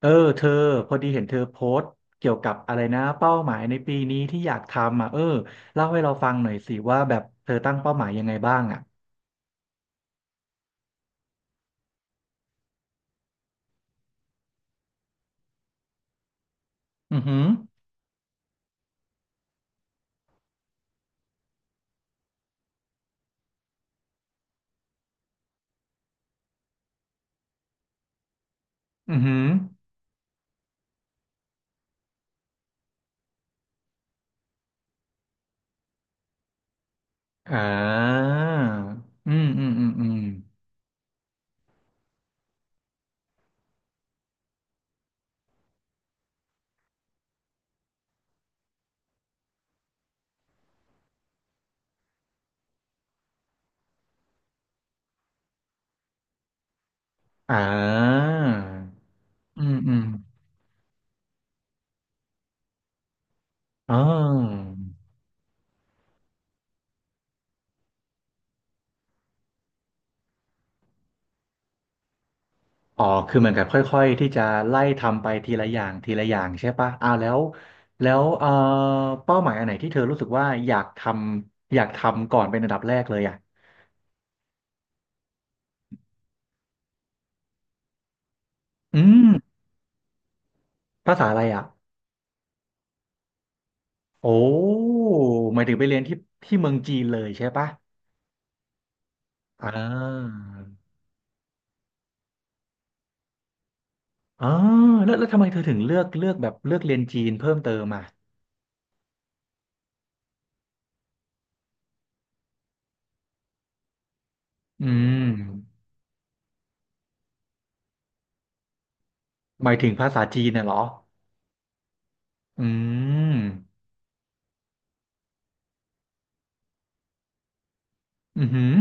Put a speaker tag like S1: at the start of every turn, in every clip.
S1: เออเธอพอดีเห็นเธอโพสต์เกี่ยวกับอะไรนะเป้าหมายในปีนี้ที่อยากทำอ่ะเออเล่าให้เราฟังหน่อยสิว่าแบบเธอตั้งเป้าหมายยังไงบ้างอ่ะอือหืออือหืออ่าอืมอืมอืมอืมอ่าอืมอืมอ๋ออ๋อคือเหมือนกับค่อยๆที่จะไล่ทำไปทีละอย่างทีละอย่างใช่ปะอ่าแล้วเป้าหมายอันไหนที่เธอรู้สึกว่าอยากทำก่อนเป็นอันดับแรกเลยอ่ะอืม ภาษาอะไรอ่ะโอ้หมายถึงไปเรียนที่ที่เมืองจีนเลยใช่ปะอ่าอ๋อแล้วทำไมเธอถึงเลือกเรียนจีนเพิ่มเติมอ่ะอืมหมายถึงภาษาจีนน่ะเหรออืมอือหือ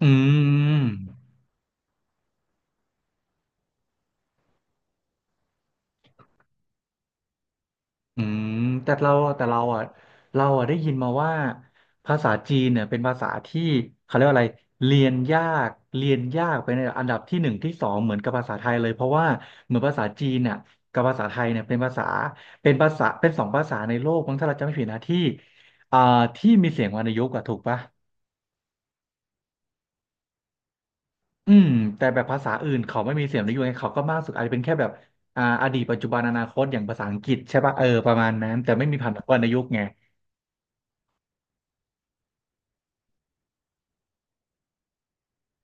S1: อืม อืมแต่เราแต่เราอ่ะได้ยินมาว่าภาษาจีนเนี่ยเป็นภาษาที่เขาเรียกว่าอะไรเรียนยากเรียนยากไปในอันดับที่หนึ่งที่สองเหมือนกับภาษาไทยเลยเพราะว่าเหมือนภาษาจีนเนี่ยกับภาษาไทยเนี่ยเป็นภาษาเป็น2 ภาษาในโลกมั้งถ้าเราจำไม่ผิดนะที่อ่าที่มีเสียงวรรณยุกต์อะถูกปะอืมแต่แบบภาษาอื่นเขาไม่มีเสียงวรรณยุกไงเขาก็มากสุดอาจจะเป็นแค่แบบอ่าอดีตปัจจุบันอนาคตอย่างภาษาอังกฤษใช่ปะเออประมาณนั้นแต่ไม่มีพรรณวรรณยุกต์ไง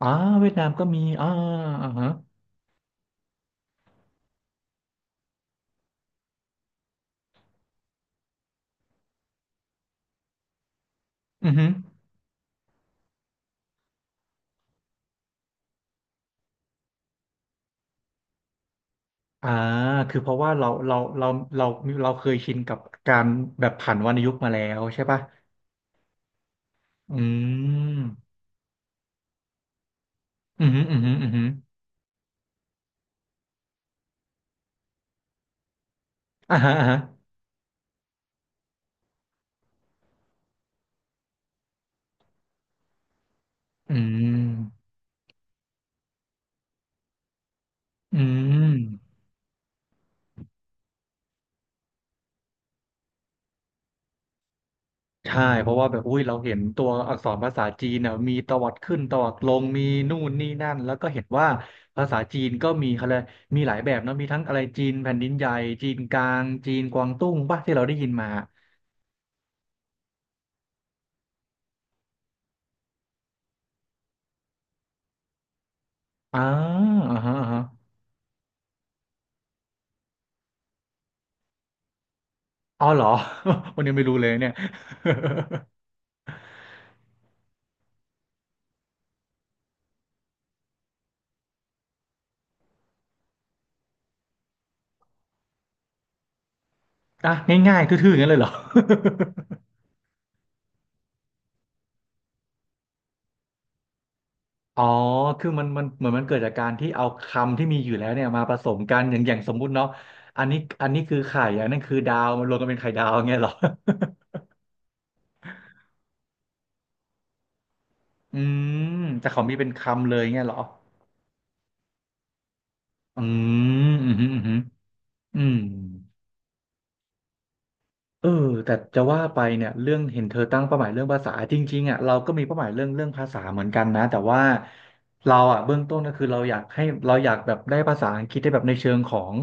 S1: อ่าเวียดนามก็มีอ่าอ่าฮะอือฮึอ่าคือเพราะว่าเราเราเคยชินกับการแบบผันวรรณยุกต์มาแล้วใช่ป่ะอืมอืมอืมอืมอ่าฮะอ่าฮะอืมอืมใช่เพราะว่าแบบอุ้ยเราเห็นตัวอักษรภาษาจีนน่ะมีตวัดขึ้นตวัดลงมีนู่นนี่นั่นแล้วก็เห็นว่าภาษาจีนก็มีอะไรยกมีหลายแบบเนอะมีทั้งอะไรจีนแผ่นดินใหญ่จีนกลางจีนกวางตุ้งป่ะที่เราได้ยินมา อ่าอ่าฮะอ่าฮะอ๋อเหรอ วันนี้ไม่รู้เลยเนี่ย อ่ะง่ายๆทื่อๆอย่างนั้นเลยเหรอ อ๋อคือมันเหมือนมันเกิดจากการที่เอาคำที่มีอยู่แล้วเนี่ยมาผสมกันอย่างสมมุติเนาะ อันนี้คือไข่อันนั้นคือดาวมันรวมกันเป็นไข่ดาวเงี้ยเหรอ อืมแต่เขามีเป็นคำเลยเงี้ยเหรออืมอืมอืมอืมอืม เออแต่จะว่าไปเนี่ยเรื่องเห็นเธอตั้งเป้าหมายเรื่องภาษาจริงๆอ่ะเราก็มีเป้าหมายเรื่องภาษาเหมือนกันนะแต่ว่าเราอ่ะเบื้องต้นก็คือเราอยากให้เราอยากแบบได้ภาษาอังกฤษได้แบบในเชิงของ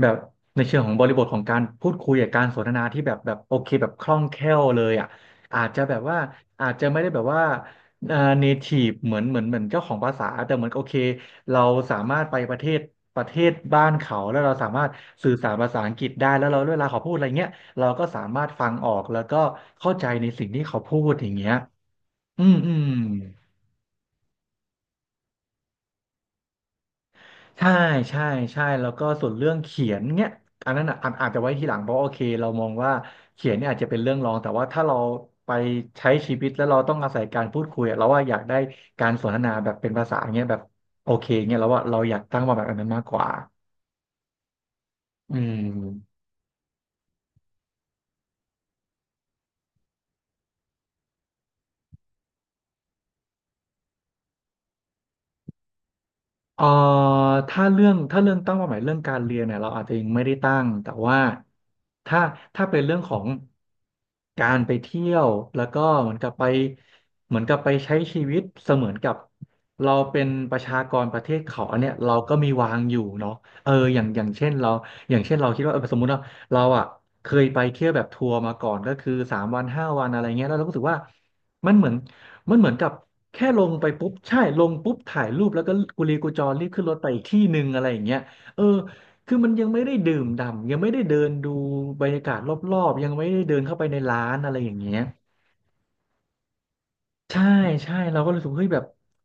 S1: แบบในเชิงของบริบทของการพูดคุยกับการสนทนาที่แบบแบบโอเคแบบคล่องแคล่วเลยอ่ะอาจจะแบบว่าอาจจะไม่ได้แบบว่าเอ่อ native เหมือนเจ้าของภาษาแต่เหมือนโอเคเราสามารถไปประเทศบ้านเขาแล้วเราสามารถสื่อสารภาษาอังกฤษได้แล้วเราเวลาเขาพูดอะไรเงี้ย เราก็สามารถฟังออกแล้วก็เข้าใจในสิ่งที่เขาพูดอย่างเงี้ยอืมอืมใช่ใช่ใช่ แล้วก็ส่วนเรื่องเขียนเนี้ยอันนั้นอ่ะอาจจะไว้ทีหลังเพราะโอเคเรามองว่าเขียนเนี่ยอาจจะเป็นเรื่องรองแต่ว่าถ้าเราไปใช้ชีวิตแล้วเราต้องอาศัยการพูดคุยอะเราว่าอยากได้การสนทนาแบบเป็นภาษาเงี้ยแบบโอเคเงี้ยแล้วว่าเราอยากตั้งมาแบบอันนั้นมากกว่าอืม เอ่อถ้าเรื่องตั้งเป้าหมายเรื่องการเรียนเนี่ยเราอาจจะยังไม่ได้ตั้งแต่ว่าถ้าถ้าเป็นเรื่องของการไปเที่ยวแล้วก็เหมือนกับไปใช้ชีวิตเสมือนกับเราเป็นประชากรประเทศเขาอันเนี้ยเราก็มีวางอยู่เนาะเอออย่างเช่นเราอย่างเช่นเราคิดว่าเออสมมุติว่าเราอ่ะเคยไปเที่ยวแบบทัวร์มาก่อนก็คือ3 วัน5 วันอะไรเงี้ยแล้วเราก็รู้สึกว่ามันเหมือน มันเหมือนกับแค่ลงไปปุ๊บใช่ลงปุ๊บถ่ายรูปแล้วก็กุลีกุจอรีบขึ้นรถไปอีกที่หนึ่งอะไรอย่างเงี้ยเออคือมันยังไม่ได้ดื่มด่ำยังไม่ได้เดินดูบรรยากาศรอบๆยังไม่ได้เดินเข้าไปในร้านอะไรอย่างเงี้ย ใช่ใช่เราก็รู้สึกเฮ้ยแบบ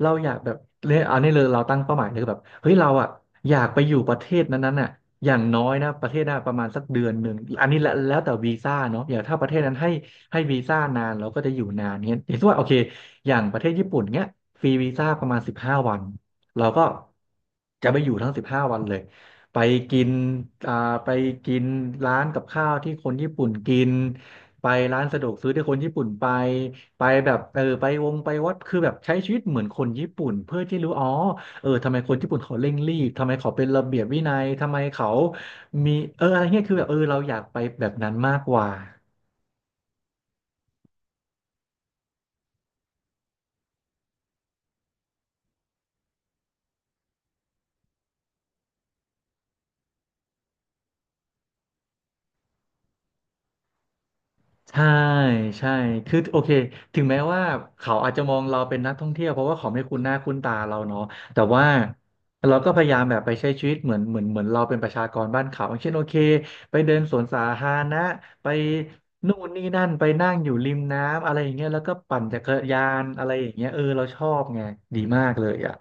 S1: เราอยากแบบเนี่ยเอาเนี่เลยเราตั้งเป้าหมายเลยคือแบบเฮ้ยเราอ่ะอยากไปอยู่ประเทศนั้นๆน่ะอย่างน้อยนะประเทศน่ะประมาณสักเดือนหนึ่งอันนี้แล้วแต่วีซ่าเนาะอย่างถ้าประเทศนั้นให้วีซ่านานเราก็จะอยู่นานเงี้ยอย่างเช่ว่าโอเคอย่างประเทศญี่ปุ่นเงี้ยฟรีวีซ่าประมาณสิบห้าวันเราก็จะไปอยู่ทั้งสิบห้าวันเลยไปกินอ่าไปกินร้านกับข้าวที่คนญี่ปุ่นกินไปร้านสะดวกซื้อที่คนญี่ปุ่นไป ไปแบบเออไปวงไปวัดคือแบบใช้ชีวิตเหมือนคนญี่ปุ่นเพื่อที่รู้อ๋อเออทำไมคนญี่ปุ่นเขาเร่งรีบทำไมเขาเป็นระเบียบวินัยทำไมเขามีเอออะไรเงี้ยคือแบบเออเราอยากไปแบบนั้นมากกว่า ใช่ใช่คือโอเคถึงแม้ว่าเขาอาจจะมองเราเป็นนักท่องเที่ยวเพราะว่าเขาไม่คุ้นหน้าคุ้นตาเราเนาะแต่ว่าเราก็พยายามแบบไปใช้ชีวิตเหมือนเราเป็นประชากรบ้านเขาอย่างเช่นโอเค ไปเดินสวนสาธารณะไปนู่นนี่นั่นไปนั่งอยู่ริมน้ำอะไรอย่างเงี้ยแล้วก็ปั่นจักรยานอะไรอย่างเงี้ยเออเราชอบไงดีมากเลยอ่ะ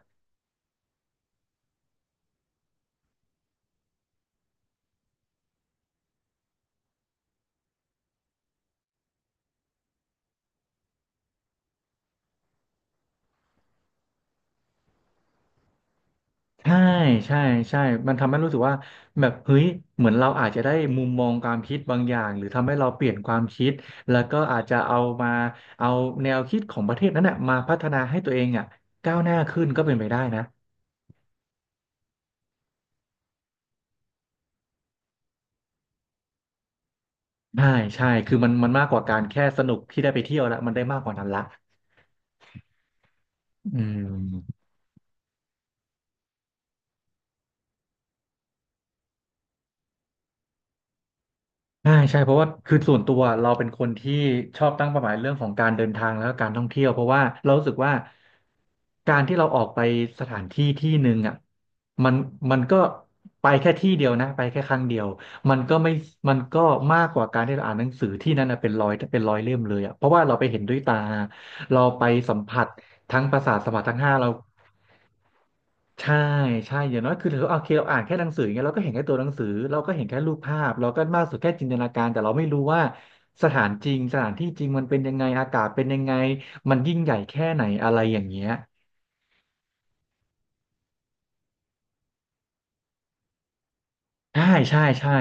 S1: ใช่ใช่ใช่ มันทำให้รู้สึกว่าแบบเฮ้ยเหมือนเราอาจจะได้มุมมองความคิดบางอย่างหรือทำให้เราเปลี่ยนความคิดแล้วก็อาจจะเอาแนวคิดของประเทศนั้นน่ะมาพัฒนาให้ตัวเองอ่ะก้าวหน้าขึ้นก็เป็นไปได้นะใช่ใช่คือมันมากกว่าการแค่สนุกที่ได้ไปเที่ยวละมันได้มากกว่านั้นละอืม ใช่ใช่เพราะว่าคือส่วนตัวเราเป็นคนที่ชอบตั้งเป้าหมายเรื่องของการเดินทางแล้วก็การท่องเที่ยวเพราะว่าเรารู้สึกว่าการที่เราออกไปสถานที่ที่หนึ่งอ่ะมันมันก็ไปแค่ที่เดียวนะไปแค่ครั้งเดียวมันก็ไม่มันก็มากกว่าการที่เราอ่านหนังสือที่นั่นนะเป็นร้อยเล่มเลยอ่ะเพราะว่าเราไปเห็นด้วยตาเราไปสัมผัสทั้งประสาทสัมผัสทั้งห้าเรา ใช่ใช่อย่างน้อยคือถือว่าโอเคเราอ่านแค่หนังสืออย่างเงี้ยเราก็เห็นแค่ตัวหนังสือเราก็เห็นแค่รูปภาพเราก็มากสุดแค่จินตนาการแต่เราไม่รู้ว่าสถานจริงสถานที่จริงมันเป็นยังไงอากาศเป็นยังไงมันยิ่งใหญ่แค่ไหนอะไรอย่างเงี้ยใช่ใช่ใช่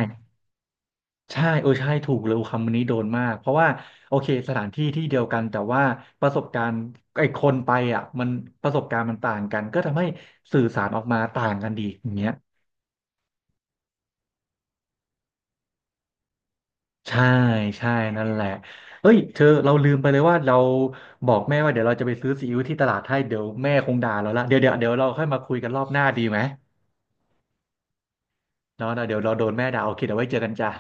S1: ใช่เออใช่ถูกเลยคำนี้โดนมากเพราะว่าโอเคสถานที่ที่เดียวกันแต่ว่าประสบการณ์ไอ้คนไปอ่ะมันประสบการณ์มันต่างกันก็ทำให้สื่อสารออกมาต่างกันดีอย่างเงี้ย ใช่ใช่นั่นแหละเอ้ยเธอเราลืมไปเลยว่าเราบอกแม่ว่าเดี๋ยวเราจะไปซื้อซีอิ๊วที่ตลาดให้เดี๋ยวแม่คงด่าเราละเดี๋ยวเราค่อยมาคุยกันรอบหน้าดีไหมเนาะเนาะเดี๋ยวเราโดนแม่ด่าโอเคเดี๋ยวไว้เจอกันจ้ะ